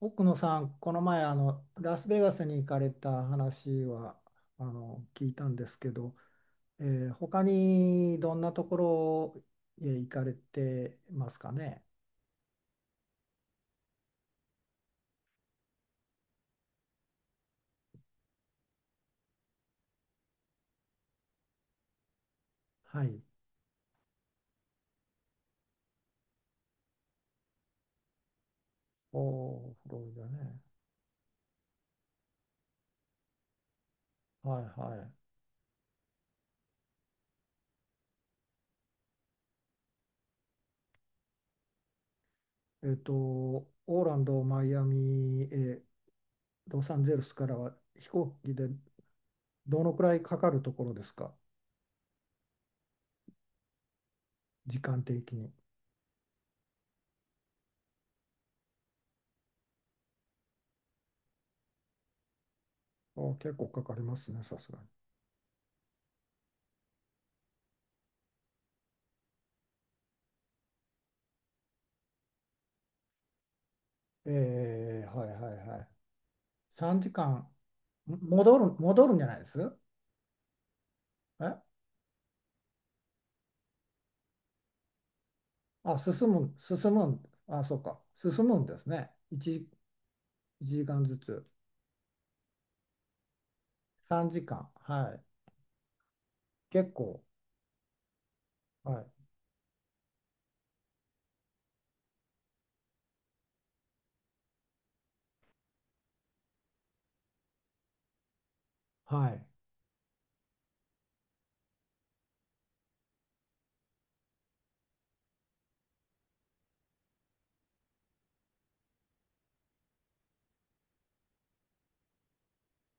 奥野さん、この前ラスベガスに行かれた話は聞いたんですけど、他にどんなところへ行かれてますかね。はい。おー、フロリダね。はいはい。えっと、オーランド、マイアミ、ロサンゼルスからは飛行機でどのくらいかかるところですか、時間的に。あ、結構かかりますね、さすがに。えー、はいはいはい。3時間。戻る、戻るんじゃないですえあ、進む、進むん、あ、そうか、進むんですね。1、一時間ずつ。3時間。はい。結構。はい。はい。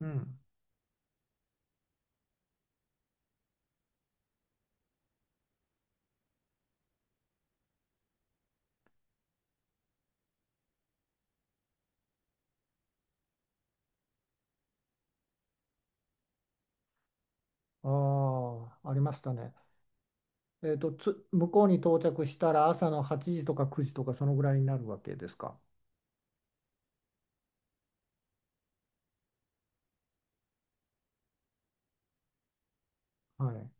うん。ああ、ありましたね。えっと、向こうに到着したら朝の8時とか9時とかそのぐらいになるわけですか。はい。は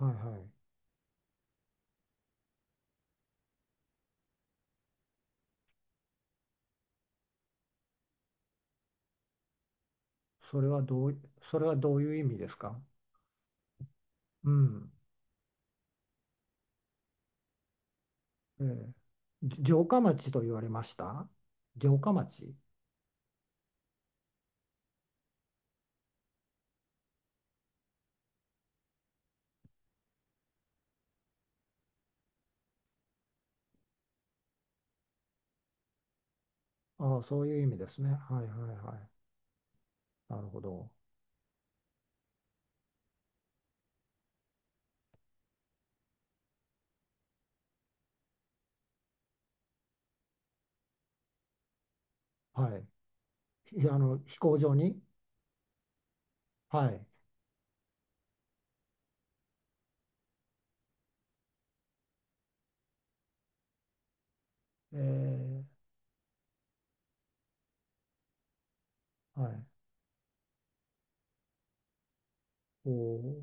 いはい。それはどうい、それはどういう意味ですか。うん。ええ。城下町と言われました。城下町。ああ、そういう意味ですね。はいはいはい。なるほど。はい。あの、飛行場に。はい。えー、はい。おー、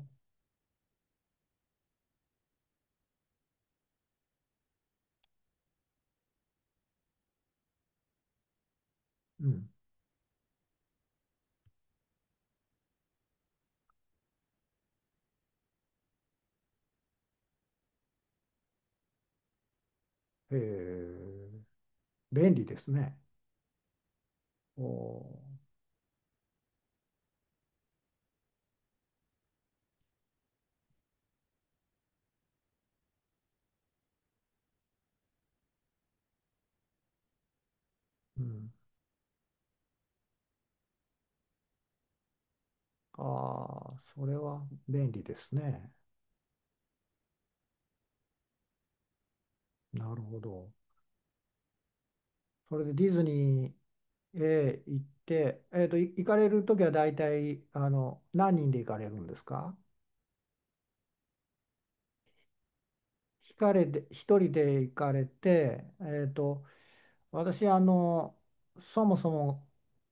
うん。へえー、便利ですね。おー、うん。ああ、それは便利ですね。なるほど。それでディズニーへ行って、えっと、行かれるときは大体、あの、何人で行かれるんですか。ひかれで、一人で行かれて、えっと、私、あのそもそも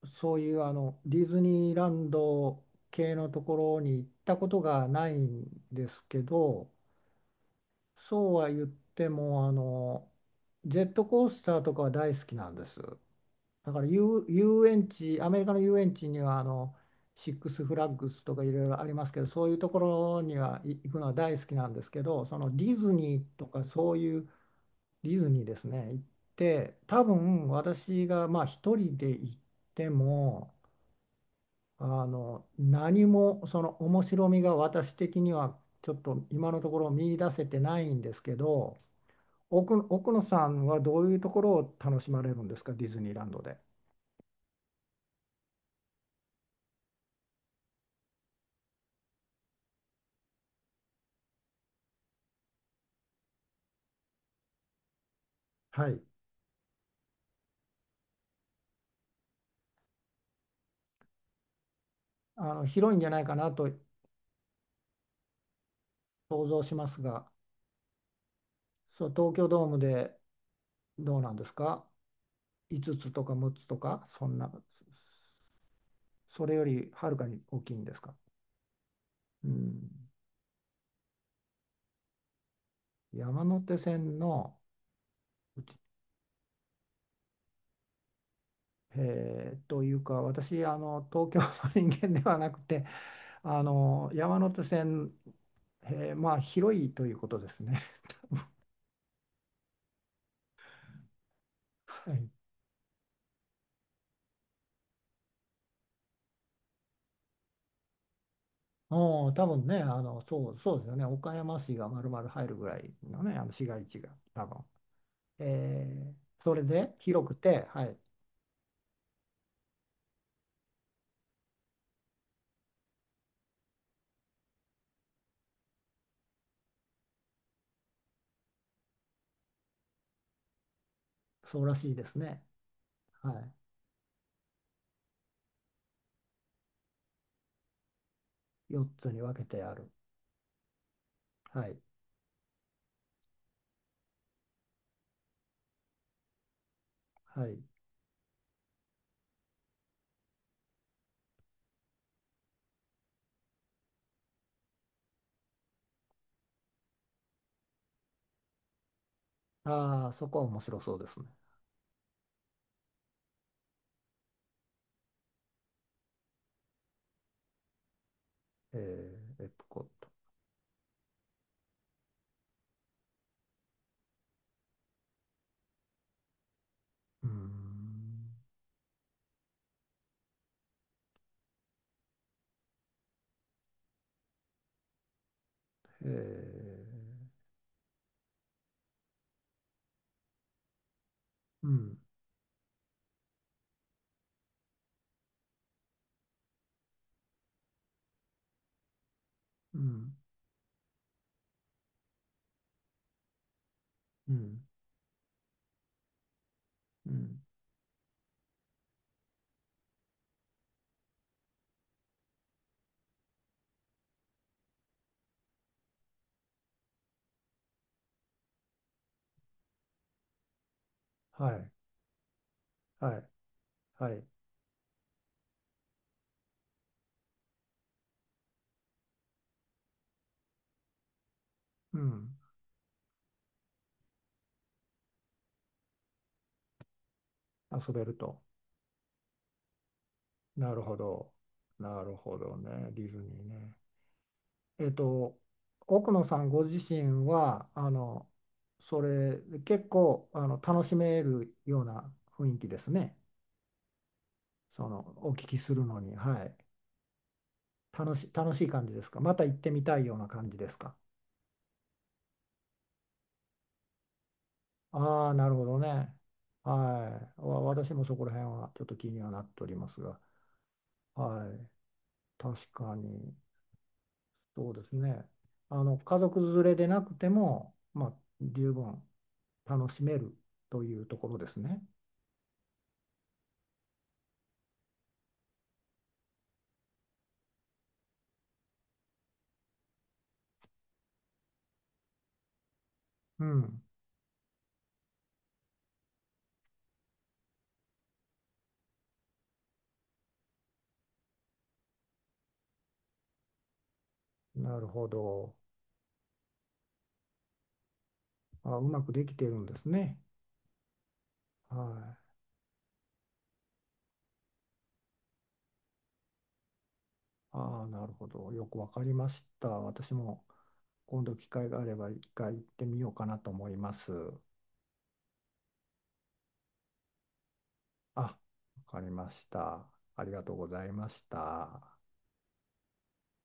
そういうあのディズニーランド系のところに行ったことがないんですけど、そうは言ってもあのジェットコースターとかは大好きなんです。だから遊園地、アメリカの遊園地にはあのシックスフラッグスとかいろいろありますけど、そういうところには行くのは大好きなんですけど、そのディズニーとかそういうディズニーですね、行って、多分私がまあ一人で行っても、あの何もその面白みが私的にはちょっと今のところ見出せてないんですけど、奥野さんはどういうところを楽しまれるんですか、ディズニーランドで。はい、あの広いんじゃないかなと想像しますが、そう、東京ドームでどうなんですか、5つとか6つとか、そんな、それよりはるかに大きいんですか。うん。山手線のうち、えーというか私あの東京の人間ではなくてあの山手線、えーまあ広いということですね。はい、おー多分ねあのそうですよね、岡山市が丸々入るぐらいのねあの市街地が多分、えーそれで広くて、はい、そうらしいですね、はい、4つに分けてある、はいはい、ああそこは面白そうですね、えーエプコット。うん。へえ。うん。うん。うん。うん。はい。はい。はい。うん。遊べると。なるほど。なるほどね。ディズニーね。えっと、奥野さんご自身は、あの、それ、結構、あの、楽しめるような雰囲気ですね。その、お聞きするのに。はい。楽しい感じですか、また行ってみたいような感じですか。ああ、なるほどね。はい。私もそこら辺はちょっと気にはなっておりますが、はい。確かに、そうですね。あの、家族連れでなくても、まあ、十分楽しめるというところですね。うん。なるほど。あ、うまくできてるんですね。はい。ああ、なるほど。よくわかりました。私も今度機会があれば一回行ってみようかなと思います。あ、わかりました。ありがとうございました。